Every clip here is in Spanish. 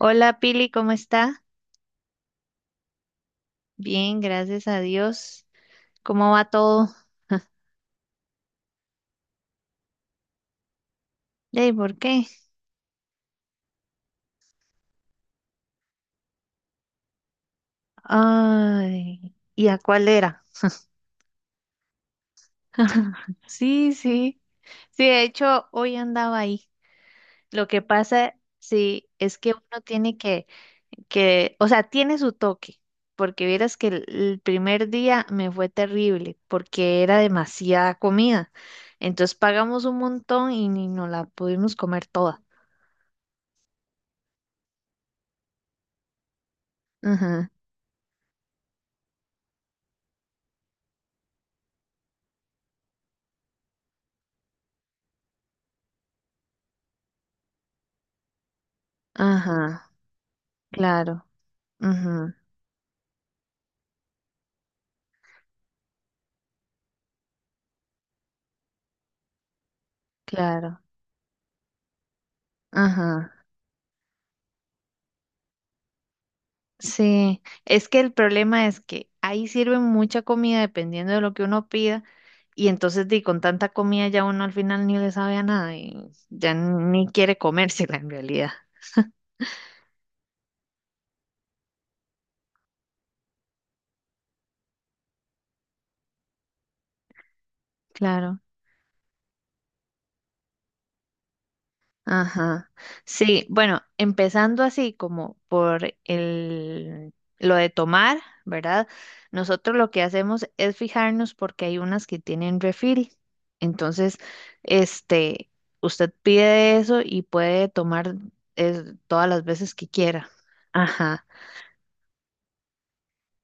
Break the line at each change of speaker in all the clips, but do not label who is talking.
Hola Pili, ¿cómo está? Bien, gracias a Dios. ¿Cómo va todo? ¿por qué? Ay, ¿y a cuál era? Sí, sí. Sí, de hecho, hoy andaba ahí. Lo que pasa, sí, es que uno tiene que, o sea, tiene su toque, porque vieras que el primer día me fue terrible, porque era demasiada comida. Entonces pagamos un montón y ni nos la pudimos comer toda. Ajá, ajá, claro. Ujú, claro, ajá, sí, es que el problema es que ahí sirven mucha comida dependiendo de lo que uno pida y entonces di, con tanta comida ya uno al final ni le sabe a nada y ya ni quiere comérsela en realidad. Claro. Ajá. Sí, bueno, empezando así como por lo de tomar, ¿verdad? Nosotros lo que hacemos es fijarnos porque hay unas que tienen refil. Entonces, este, usted pide eso y puede tomar todas las veces que quiera. Ajá.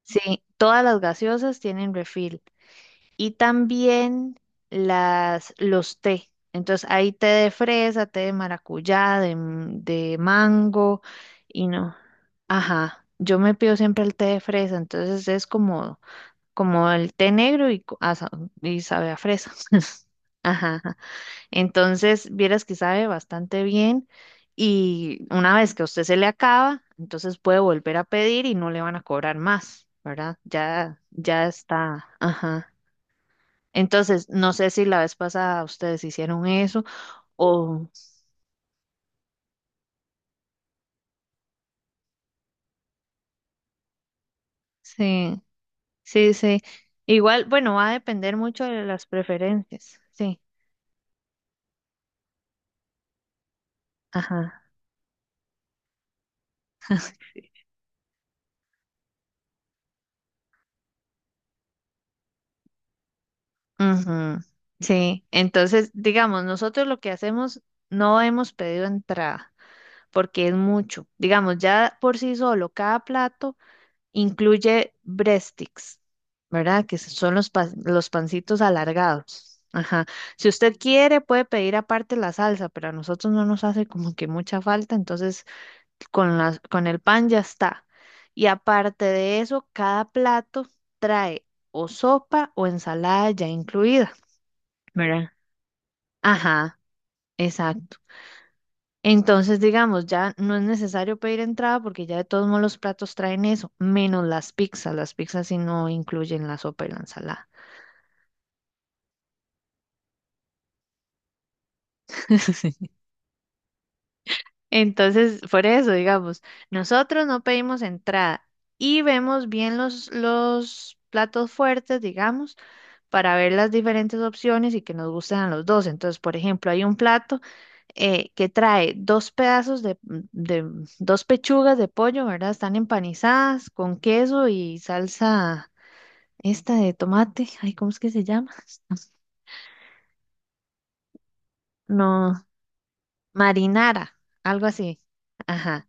Sí, todas las gaseosas tienen refil y también los té. Entonces hay té de fresa, té de maracuyá, de mango y no. Ajá, yo me pido siempre el té de fresa, entonces es como el té negro y sabe a fresa. Ajá, ajá. Entonces vieras que sabe bastante bien y una vez que a usted se le acaba, entonces puede volver a pedir y no le van a cobrar más, ¿verdad? Ya, ya está. Ajá. Entonces, no sé si la vez pasada ustedes hicieron eso o sí, sí, sí. Igual, bueno, va a depender mucho de las preferencias. Sí, ajá. Ujú. Sí, entonces, digamos, nosotros lo que hacemos no hemos pedido entrada porque es mucho. Digamos, ya por sí solo, cada plato. Incluye breadsticks, ¿verdad? Que son los pancitos alargados. Ajá. Si usted quiere, puede pedir aparte la salsa, pero a nosotros no nos hace como que mucha falta, entonces con el pan ya está. Y aparte de eso, cada plato trae o sopa o ensalada ya incluida, ¿verdad? Ajá, exacto. Entonces, digamos, ya no es necesario pedir entrada porque ya de todos modos los platos traen eso, menos las pizzas. Las pizzas sí no incluyen la sopa y la ensalada. Entonces, por eso, digamos, nosotros no pedimos entrada y vemos bien los platos fuertes, digamos, para ver las diferentes opciones y que nos gusten a los dos. Entonces, por ejemplo, hay un plato que trae dos pedazos de dos pechugas de pollo, ¿verdad? Están empanizadas con queso y salsa, esta de tomate, ay, ¿cómo es que se llama? No, marinara, algo así. Ajá.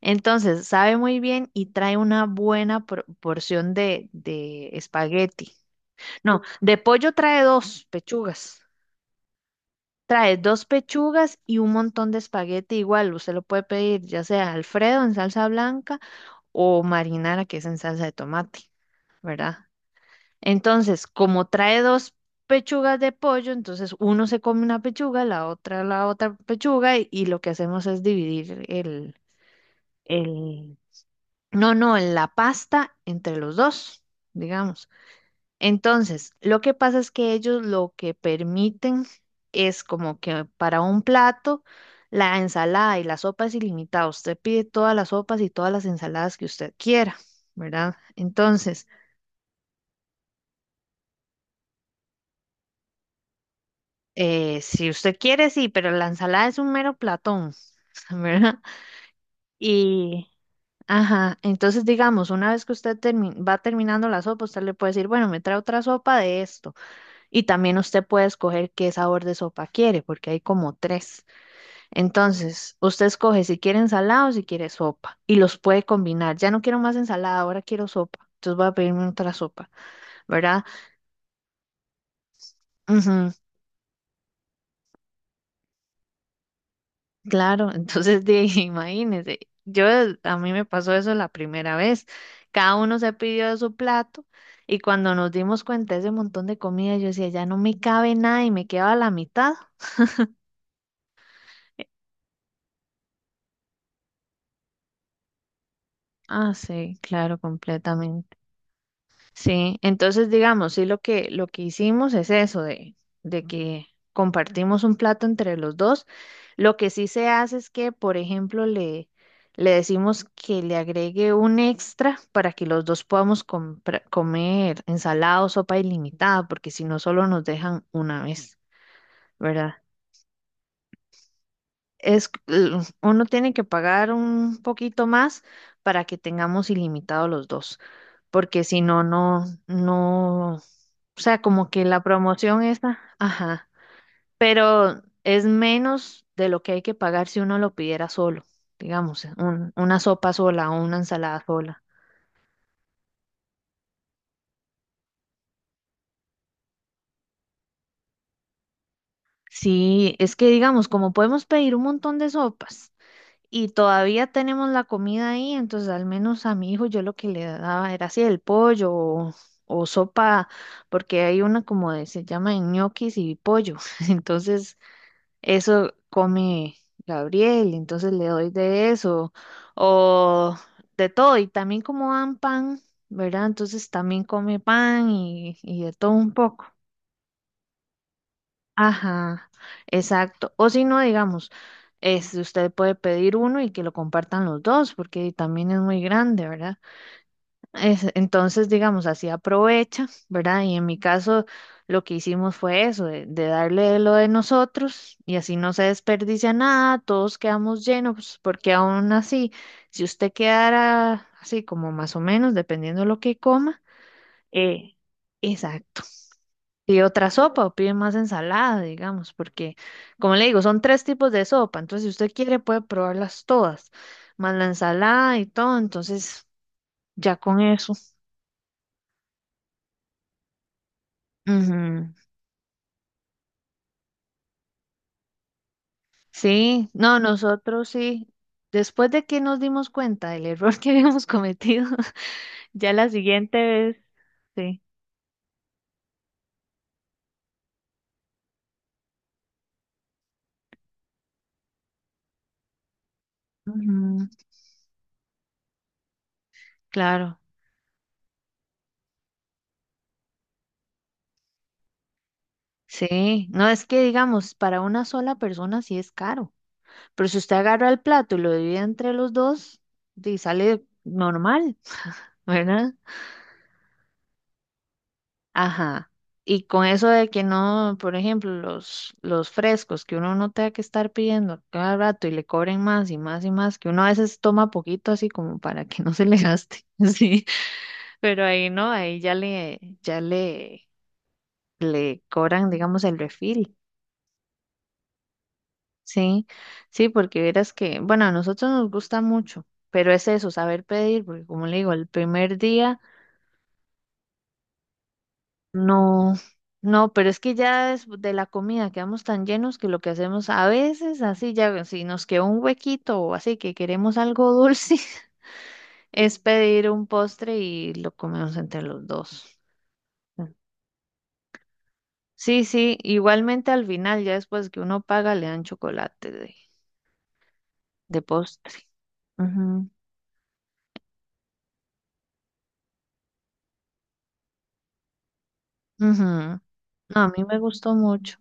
Entonces, sabe muy bien y trae una buena porción de espagueti. No, de pollo trae dos pechugas. Trae dos pechugas y un montón de espagueti igual. Usted lo puede pedir ya sea Alfredo en salsa blanca o marinara que es en salsa de tomate, ¿verdad? Entonces, como trae dos pechugas de pollo, entonces uno se come una pechuga, la otra pechuga y, lo que hacemos es dividir el, no, no, la pasta entre los dos, digamos. Entonces, lo que pasa es que ellos lo que permiten es como que para un plato, la ensalada y la sopa es ilimitada. Usted pide todas las sopas y todas las ensaladas que usted quiera, ¿verdad? Entonces, si usted quiere, sí, pero la ensalada es un mero platón, ¿verdad? Y, ajá, entonces digamos, una vez que usted va terminando la sopa, usted le puede decir, bueno, me trae otra sopa de esto. Y también usted puede escoger qué sabor de sopa quiere, porque hay como tres. Entonces, usted escoge si quiere ensalada o si quiere sopa y los puede combinar. Ya no quiero más ensalada, ahora quiero sopa. Entonces voy a pedirme otra sopa, ¿verdad? Ujú. Claro, entonces imagínense, yo a mí me pasó eso la primera vez. Cada uno se pidió de su plato y cuando nos dimos cuenta de ese montón de comida, yo decía, ya no me cabe nada y me quedaba la mitad. Ah, sí, claro, completamente. Sí, entonces digamos, sí, lo que hicimos es eso, de que compartimos un plato entre los dos. Lo que sí se hace es que, por ejemplo, le decimos que le agregue un extra para que los dos podamos comer ensalada o sopa ilimitada, porque si no, solo nos dejan una vez, ¿verdad? Uno tiene que pagar un poquito más para que tengamos ilimitado los dos porque si no, no, no, o sea, como que la promoción esa, ajá, pero es menos de lo que hay que pagar si uno lo pidiera solo, digamos, una sopa sola o una ensalada sola. Sí, es que digamos, como podemos pedir un montón de sopas y todavía tenemos la comida ahí, entonces al menos a mi hijo yo lo que le daba era así el pollo o sopa, porque hay una como se llama ñoquis y pollo, entonces eso come Gabriel, entonces le doy de eso, o de todo, y también como dan pan, ¿verdad? Entonces también come pan y de todo un poco. Ajá, exacto. O si no, digamos, este, usted puede pedir uno y que lo compartan los dos, porque también es muy grande, ¿verdad? Entonces, digamos, así aprovecha, ¿verdad? Y en mi caso, lo que hicimos fue eso, de darle lo de nosotros y así no se desperdicia nada, todos quedamos llenos, porque aún así, si usted quedara así como más o menos, dependiendo de lo que coma, eh, exacto. Pide otra sopa o pide más ensalada, digamos, porque, como le digo, son tres tipos de sopa, entonces si usted quiere puede probarlas todas, más la ensalada y todo, entonces ya con eso. Ujú. Sí, no, nosotros sí. Después de que nos dimos cuenta del error que habíamos cometido, ya la siguiente vez, sí. Ujú, claro, sí. No es que digamos, para una sola persona sí es caro, pero si usted agarra el plato y lo divide entre los dos, di, sale normal, ¿verdad? Ajá. Y con eso de que no, por ejemplo, los frescos que uno no tenga que estar pidiendo cada rato y le cobren más y más y más, que uno a veces toma poquito así como para que no se le gaste, sí, pero ahí no, ahí ya le cobran, digamos, el refil, sí, sí, porque verás que, bueno, a nosotros nos gusta mucho, pero es eso, saber pedir, porque como le digo, el primer día. No, no, pero es que ya es de la comida quedamos tan llenos que lo que hacemos a veces, así ya, si nos queda un huequito o así que queremos algo dulce, es pedir un postre y lo comemos entre los dos. Sí, sí, igualmente al final, ya después que uno paga, le dan chocolate de postre. Ujú, ujú. No, a mí me gustó mucho.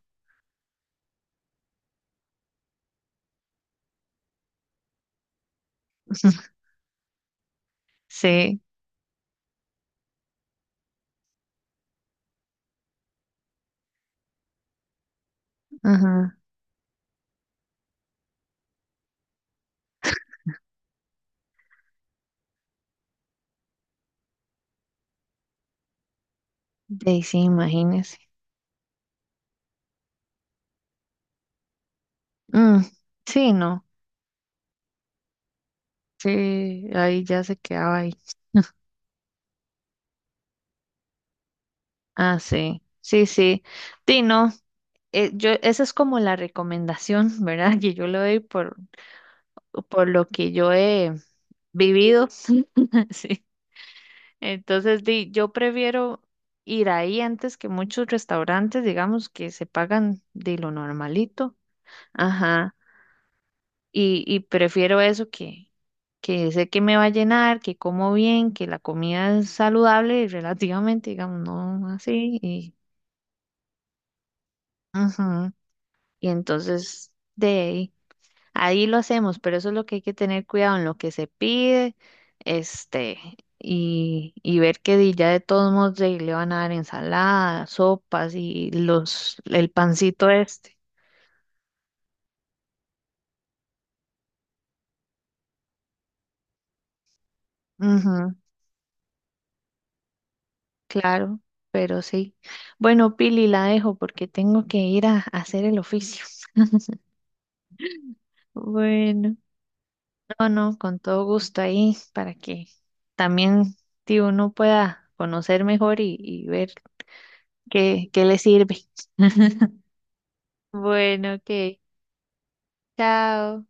Sí, ajá. De ahí sí, imagínese. Mm, sí, no. Sí, ahí ya se quedaba ahí. Ah, sí, sí, sí. Sí, no, esa es como la recomendación, ¿verdad? Que yo le doy por lo que yo he vivido. Sí. Entonces, di, yo prefiero ir ahí antes que muchos restaurantes, digamos, que se pagan de lo normalito. Ajá. Y prefiero eso que, sé que me va a llenar, que como bien, que la comida es saludable relativamente, digamos, no así. Ujú. Y entonces de ahí, ahí lo hacemos, pero eso es lo que hay que tener cuidado en lo que se pide, este, y ver que ya de todos modos de ahí le van a dar ensaladas, sopas y el pancito este. Ujú, claro, pero sí. Bueno, Pili, la dejo porque tengo que ir a hacer el oficio. Bueno, no, no, con todo gusto ahí para que también, tío, uno pueda conocer mejor y ver. Que le sirve. Bueno, ok. Chao.